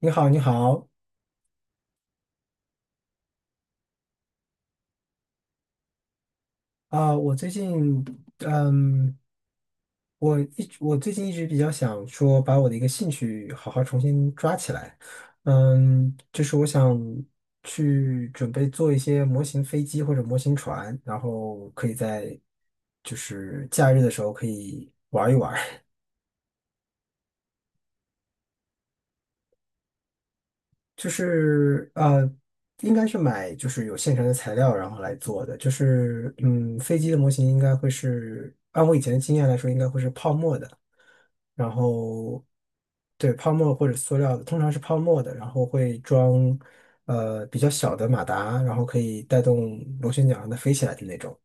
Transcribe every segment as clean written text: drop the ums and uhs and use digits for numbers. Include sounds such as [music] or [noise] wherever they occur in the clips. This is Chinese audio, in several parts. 你好，你好啊，我最近，嗯，我最近一直比较想说，把我的一个兴趣好好重新抓起来，就是我想去准备做一些模型飞机或者模型船，然后可以在就是假日的时候可以玩一玩。就是应该是买就是有现成的材料，然后来做的。就是飞机的模型应该会是，按我以前的经验来说，应该会是泡沫的。然后对泡沫或者塑料的，通常是泡沫的，然后会装比较小的马达，然后可以带动螺旋桨让它飞起来的那种。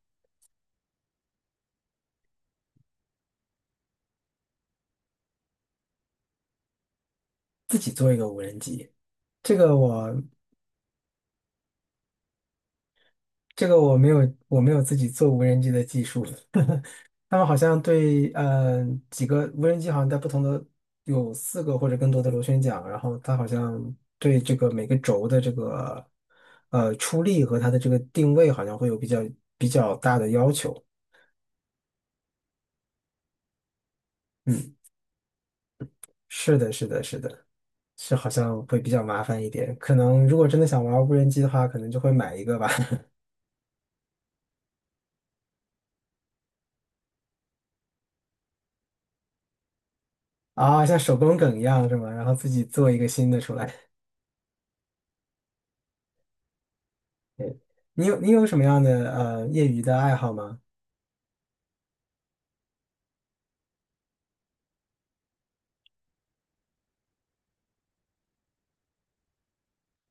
自己做一个无人机，这个我这个我没有自己做无人机的技术。[laughs] 他们好像对，几个无人机好像在不同的有4个或者更多的螺旋桨，然后它好像对这个每个轴的这个出力和它的这个定位好像会有比较大的要求。嗯，是的，是的，是的，是好像会比较麻烦一点。可能如果真的想玩无人机的话，可能就会买一个吧。[laughs] 啊，像手工梗一样是吗？然后自己做一个新的出来。你有什么样的业余的爱好吗？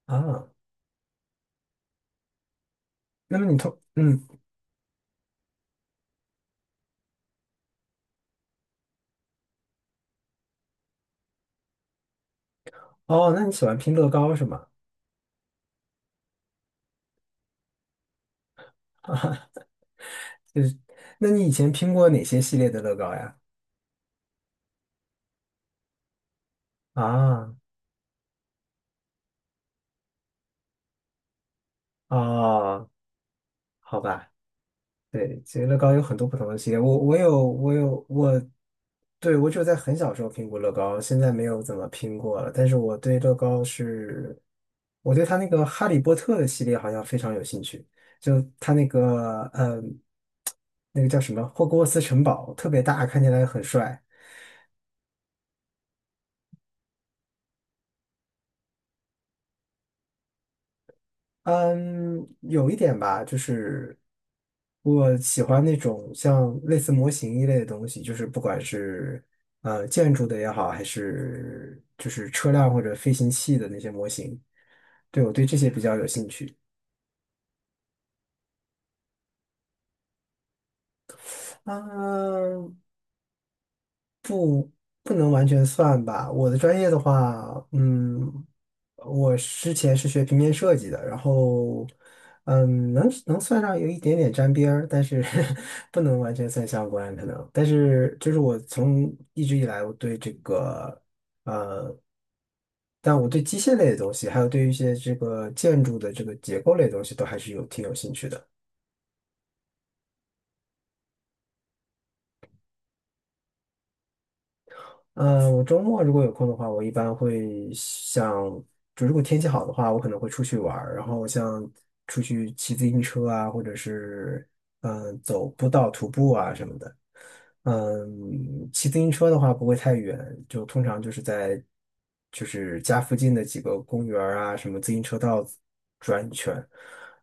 啊，那么你通。哦，那你喜欢拼乐高是吗？[laughs] 啊，就是，那你以前拼过哪些系列的乐高呀？啊，哦，好吧，对，其实乐高有很多不同的系列，我，对，我只有在很小时候拼过乐高，现在没有怎么拼过了。但是我对乐高是，我对他那个哈利波特的系列好像非常有兴趣，就他那个那个叫什么霍格沃茨城堡特别大，看起来很帅。嗯，有一点吧，就是我喜欢那种像类似模型一类的东西，就是不管是建筑的也好，还是就是车辆或者飞行器的那些模型，对我对这些比较有兴趣。嗯，不能完全算吧。我的专业的话，我之前是学平面设计的，然后，能算上有一点点沾边儿，但是 [laughs] 不能完全算相关，可能。但是就是我从一直以来，我对这个，呃，但我对机械类的东西，还有对于一些这个建筑的这个结构类的东西，都还是有挺有兴趣的。我周末如果有空的话，我一般会像，就如果天气好的话，我可能会出去玩儿，然后像出去骑自行车啊，或者是走步道徒步啊什么的。嗯，骑自行车的话不会太远，就通常就是在就是家附近的几个公园儿啊，什么自行车道转一圈。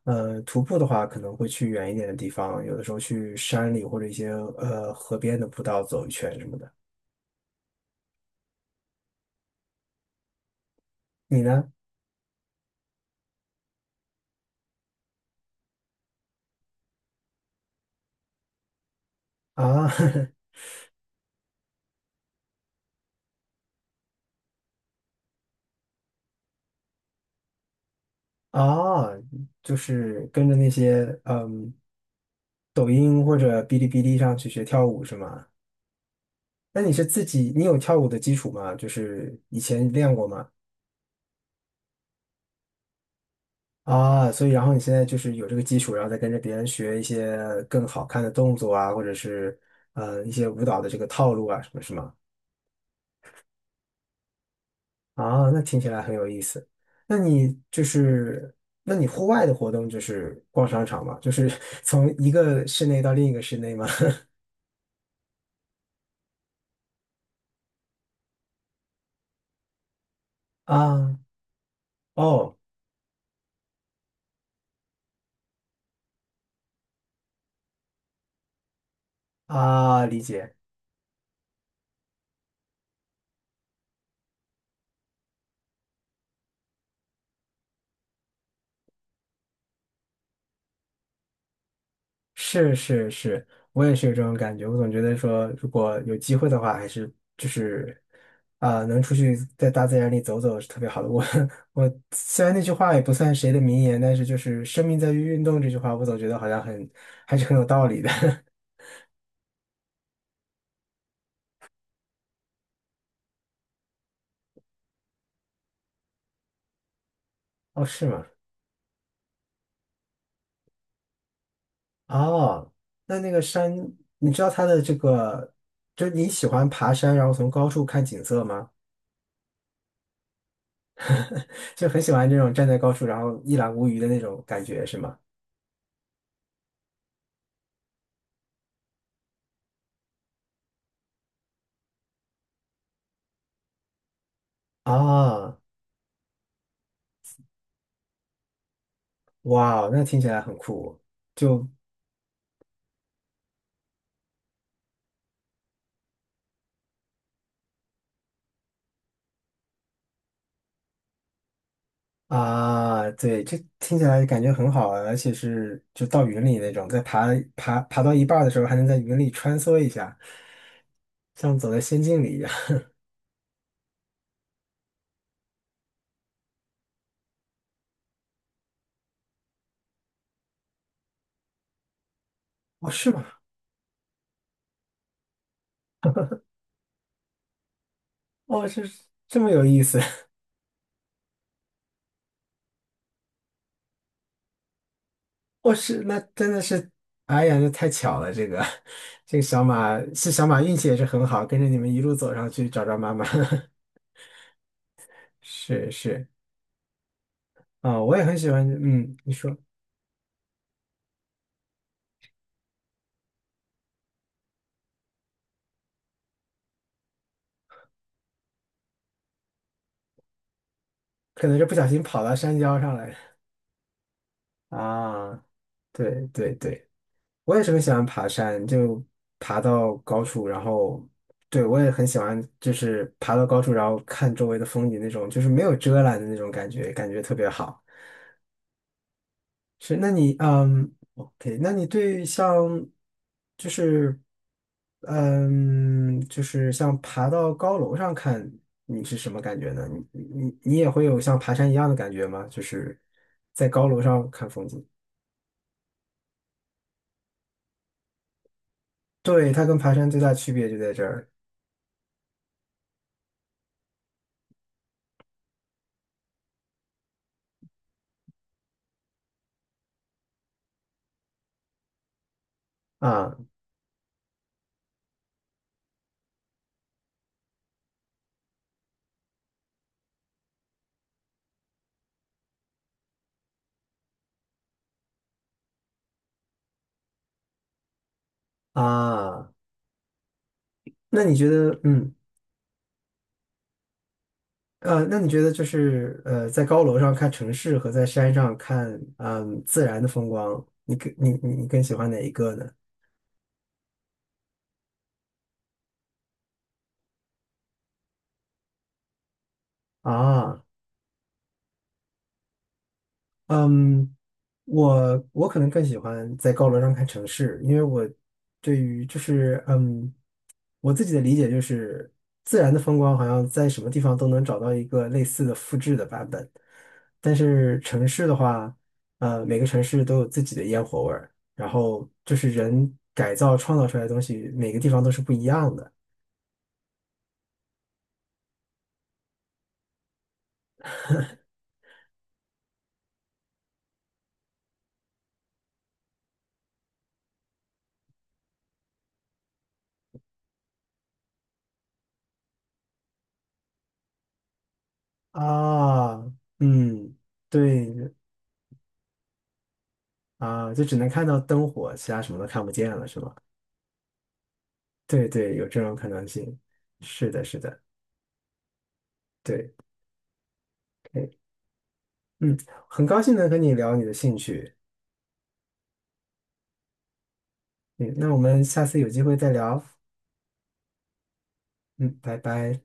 徒步的话可能会去远一点的地方，有的时候去山里或者一些河边的步道走一圈什么的。你呢？啊 [laughs] 啊，就是跟着那些抖音或者哔哩哔哩上去学跳舞是吗？那你是自己，你有跳舞的基础吗？就是以前练过吗？啊，所以然后你现在就是有这个基础，然后再跟着别人学一些更好看的动作啊，或者是一些舞蹈的这个套路啊什么是吗？啊，那听起来很有意思。那你就是，那你户外的活动就是逛商场吗？就是 [laughs] 从一个室内到另一个室内吗？[laughs] 啊哦啊，理解，是是是，我也是有这种感觉。我总觉得说，如果有机会的话，还是就是能出去在大自然里走走是特别好的。我 [laughs] 我虽然那句话也不算谁的名言，但是就是"生命在于运动"这句话，我总觉得好像还是很有道理的。[laughs] 哦，是吗？哦，那个山，你知道它的这个，就是你喜欢爬山，然后从高处看景色吗？[laughs] 就很喜欢这种站在高处，然后一览无余的那种感觉，是吗？啊，哇，那听起来很酷，就啊，对，这听起来感觉很好啊，而且是就到云里那种，在爬到一半儿的时候，还能在云里穿梭一下，像走在仙境里一样。哦，是吗？哦，是这么有意思。哦，是，那真的是，哎呀，那太巧了，这个 [laughs] 这个小马是小马运气也是很好，跟着你们一路走上去找找妈妈。[laughs] 是是，啊、我也很喜欢，你说，可能是不小心跑到山腰上来。啊，对对对，我也是很喜欢爬山，就爬到高处，然后，对，我也很喜欢，就是爬到高处，然后看周围的风景那种，就是没有遮拦的那种感觉，感觉特别好。是，那你，哦，OK，那你对像，就是，就是像爬到高楼上看，你是什么感觉呢？你也会有像爬山一样的感觉吗？就是在高楼上看风景。对，它跟爬山最大区别就在这儿啊啊！那你觉得，那你觉得就是在高楼上看城市和在山上看自然的风光，你更喜欢哪一个呢？啊嗯，我可能更喜欢在高楼上看城市，因为我对于就是我自己的理解就是自然的风光好像在什么地方都能找到一个类似的复制的版本，但是城市的话，每个城市都有自己的烟火味儿，然后就是人改造创造出来的东西，每个地方都是不一样的啊，嗯，对啊，就只能看到灯火，其他什么都看不见了，是吗？对对，有这种可能性。是的，是的，对，哎，嗯，很高兴能和你聊你的兴趣，嗯，那我们下次有机会再聊，嗯，拜拜。